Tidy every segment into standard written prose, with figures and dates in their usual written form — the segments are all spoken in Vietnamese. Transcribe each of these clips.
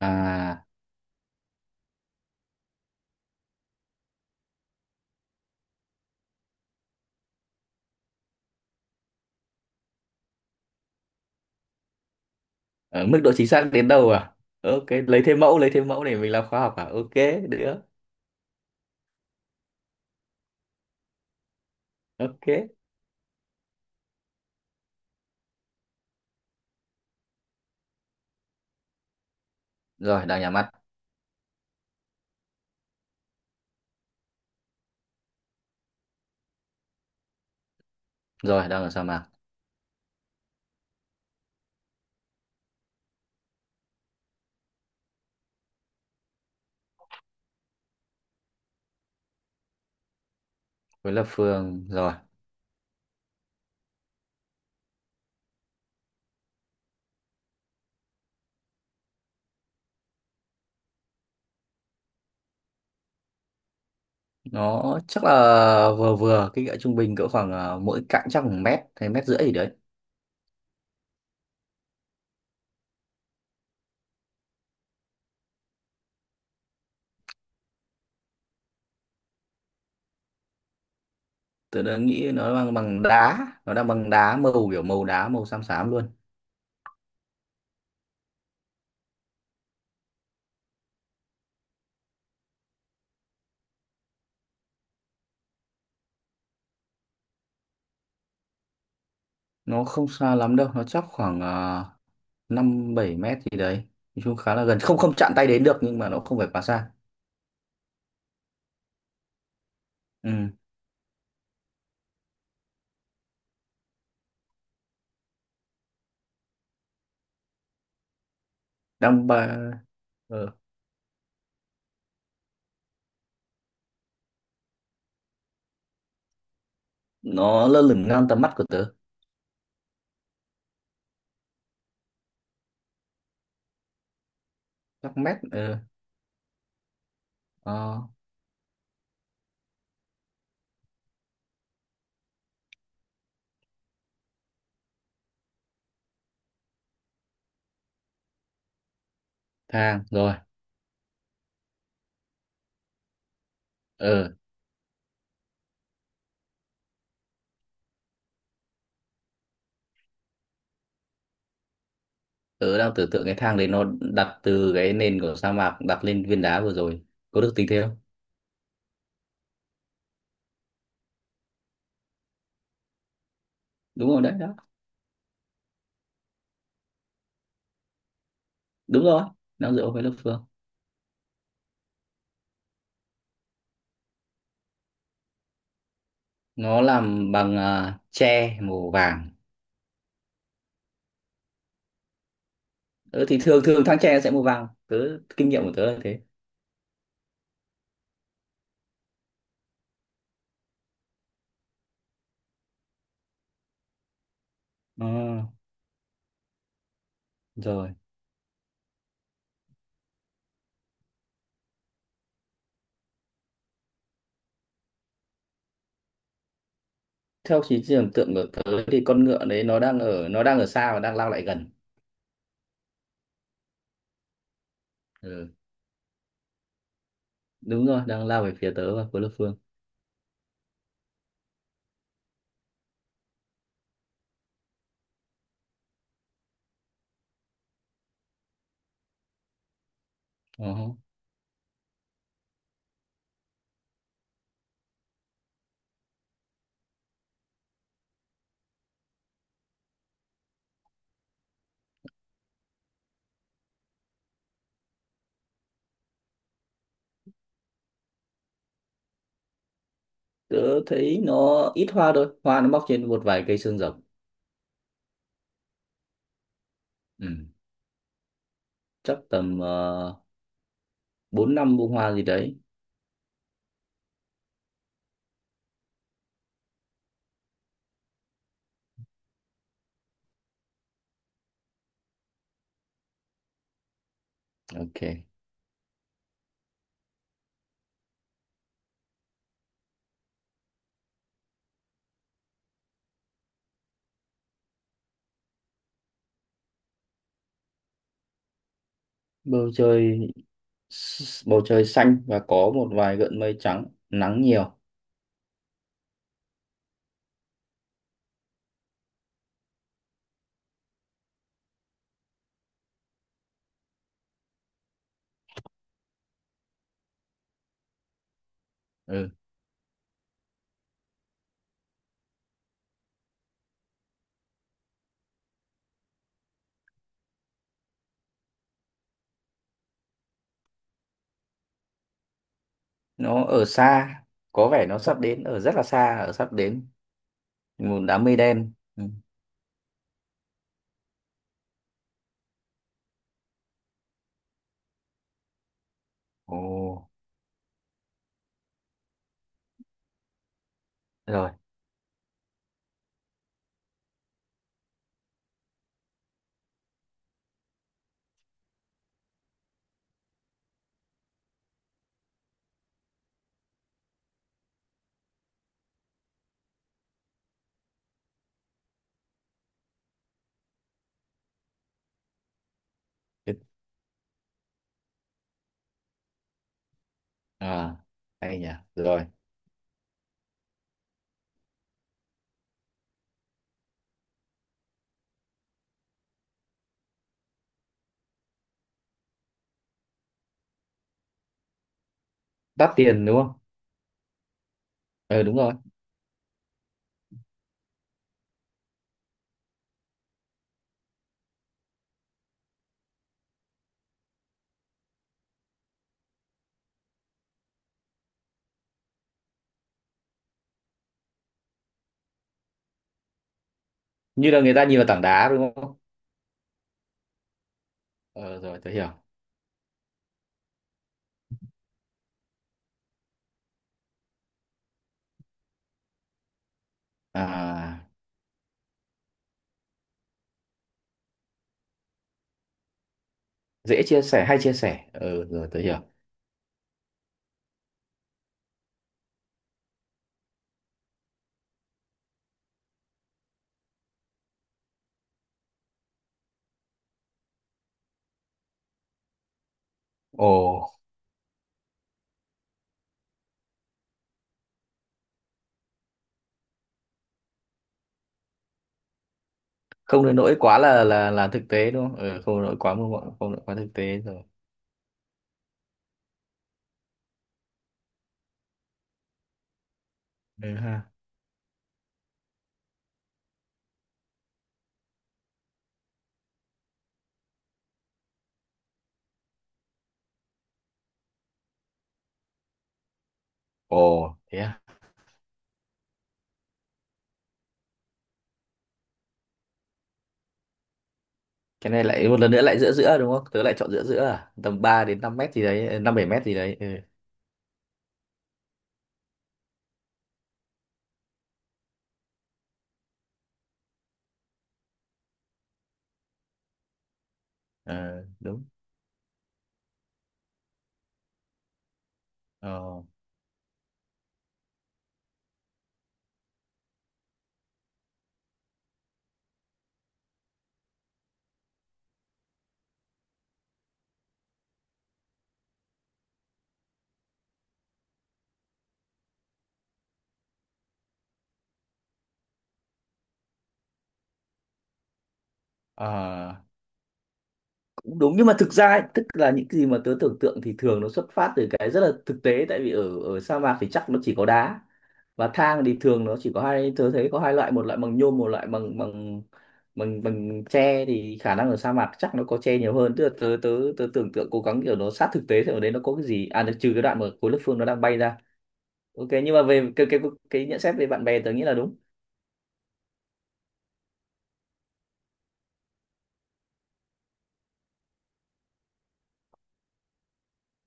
À, Ở mức độ chính xác đến đâu à? Ok, lấy thêm mẫu để mình làm khoa học à? Ok, được, ok. Rồi, đang nhắm mắt. Rồi, đang ở sa mạc. Với là Phương, rồi. Nó chắc là vừa vừa, kích cỡ trung bình cỡ khoảng mỗi cạnh chắc khoảng mét, hay mét rưỡi gì đấy. Tớ đã nghĩ nó bằng bằng đá, nó đang bằng đá màu kiểu màu đá, màu xám xám luôn. Nó không xa lắm đâu, nó chắc khoảng 5 7 mét gì đấy. Nói chung khá là gần, không không chạm tay đến được nhưng mà nó không phải quá xa. Ừ, đang ba... ờ, nó lơ lửng ngang tầm mắt của tớ các mét ừ. Ờ, thang rồi ừ. Tớ đang tưởng tượng cái thang đấy nó đặt từ cái nền của sa mạc đặt lên viên đá vừa rồi có được tính thế không? Đúng rồi đấy, đó đúng rồi, nó dựa với lớp phương. Nó làm bằng tre màu vàng. Ừ, thì thường thường thang tre sẽ màu vàng, tớ kinh nghiệm của tớ là thế. Ờ, rồi. Theo trí tưởng tượng của tớ thì con ngựa đấy nó đang ở xa và đang lao lại gần, ừ. Đúng rồi, đang lao về phía tớ và của lớp phương. Ờ. Tớ thấy nó ít hoa thôi, hoa nó mọc trên một vài cây xương rồng, ừ. Chắc tầm bốn năm bông hoa gì đấy. Ok. Bầu trời, bầu trời xanh và có một vài gợn mây trắng, nắng nhiều, ừ. Nó ở xa, có vẻ nó sắp đến, ở rất là xa, ở sắp đến một đám mây đen, ừ. Ồ, rồi. Thế- à Hay nhỉ, rồi. Đắt tiền đúng không? Ừ đúng rồi. Như là người ta nhìn vào tảng đá đúng không? Ờ rồi, tớ hiểu. À, dễ chia sẻ, hay chia sẻ, ừ rồi tớ hiểu. Ồ, không đến nỗi quá là thực tế đúng không? Ừ, không đến nỗi quá mơ mộng, không đến nỗi quá thực tế, rồi. Ừ ha. Ồ, thế à? Cái này lại một lần nữa lại giữa giữa đúng không? Tớ lại chọn giữa giữa à? Tầm 3 đến năm mét gì đấy, năm bảy mét gì đấy, ừ. Ờ, đúng. Ờ. À, cũng đúng nhưng mà thực ra ấy, tức là những cái gì mà tớ tưởng tượng thì thường nó xuất phát từ cái rất là thực tế, tại vì ở ở sa mạc thì chắc nó chỉ có đá, và thang thì thường nó chỉ có hai, tớ thấy có hai loại, một loại bằng nhôm, một loại bằng bằng bằng bằng tre, thì khả năng ở sa mạc chắc nó có tre nhiều hơn. Tức là tớ tớ tớ tưởng tượng cố gắng kiểu nó sát thực tế, thì ở đấy nó có cái gì à được, trừ cái đoạn mà khối lớp phương nó đang bay ra. Ok, nhưng mà về cái nhận xét về bạn bè tớ nghĩ là đúng.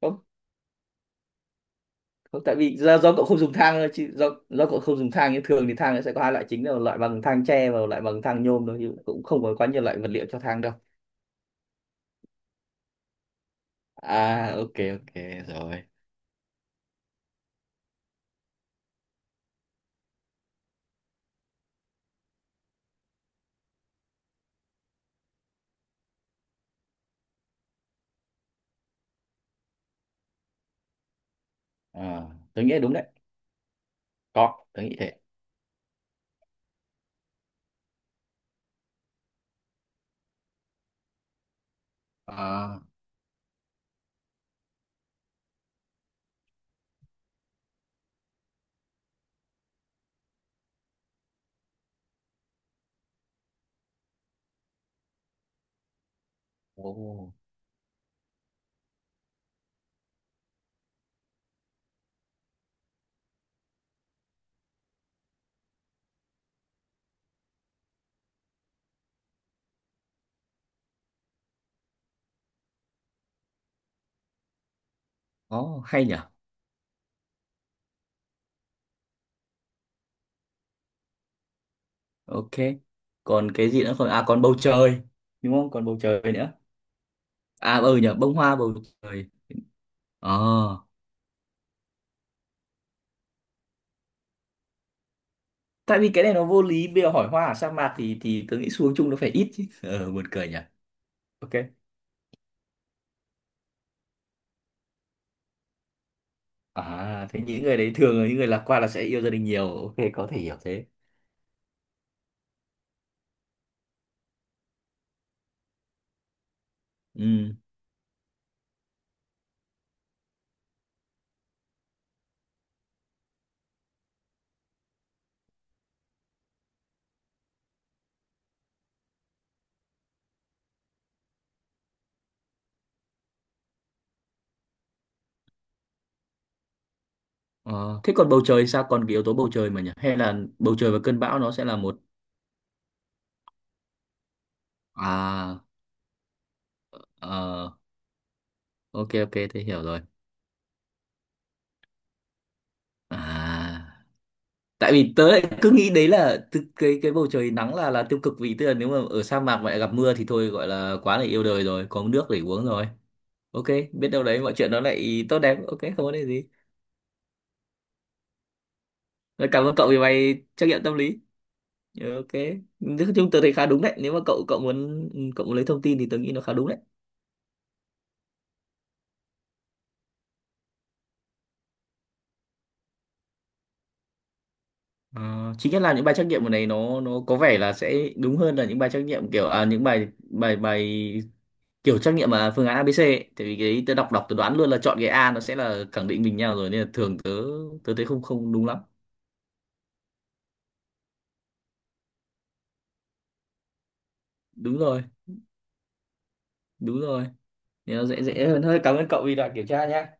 Có. Không, tại vì do cậu không dùng thang thôi, chứ do cậu không dùng thang, nhưng thường thì thang nó sẽ có hai loại chính, là một loại bằng thang tre và một loại bằng thang nhôm thôi, chứ cũng không có quá nhiều loại vật liệu cho thang đâu. À, ok. Ok, rồi. Ờ, tôi nghĩ là đúng đấy. Có, tôi nghĩ thế. À. Ồ. Oh, hay nhỉ. Ok, còn cái gì nữa không? À, còn bầu trời đúng không, còn bầu trời nữa. À ừ nhỉ, bông hoa, bầu trời, ờ. Tại vì cái này nó vô lý, bây giờ hỏi hoa ở sa mạc thì tôi nghĩ xuống chung nó phải ít chứ, ờ, buồn cười nhỉ. Ok. À, thế những người đấy thường là những người lạc quan là sẽ yêu gia đình nhiều. Ok, có thể hiểu thế. Ừ. Ờ, thế còn bầu trời sao? Còn cái yếu tố bầu trời mà nhỉ? Hay là bầu trời và cơn bão nó sẽ là một... À, ờ, ok, ok, thế hiểu rồi. À, tại vì tớ lại cứ nghĩ đấy là từ cái bầu trời nắng là tiêu cực, vì tức là nếu mà ở sa mạc mà lại gặp mưa thì thôi gọi là quá là yêu đời rồi, có nước để uống rồi. Ok, biết đâu đấy mọi chuyện nó lại tốt đẹp. Ok, không vấn đề gì. Rồi, cảm ơn cậu vì bài trắc nghiệm tâm lý. Ờ, ok, nói chung tớ thấy khá đúng đấy, nếu mà cậu cậu muốn, cậu muốn lấy thông tin thì tớ nghĩ nó khá đúng đấy. Ờ, chính nhất là những bài trắc nghiệm ở này, nó có vẻ là sẽ đúng hơn là những bài trắc nghiệm kiểu những bài bài bài kiểu trắc nghiệm mà phương án a ABC ấy. Tại vì cái đấy tớ đọc đọc tớ đoán luôn là chọn cái A nó sẽ là khẳng định mình nhau rồi, nên là thường tớ tớ thấy không không đúng lắm. Đúng rồi, đúng rồi, nên nó dễ dễ hơn hơi. Cảm ơn cậu vì đoạn kiểm tra nhá.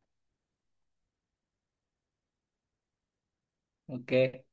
Ok.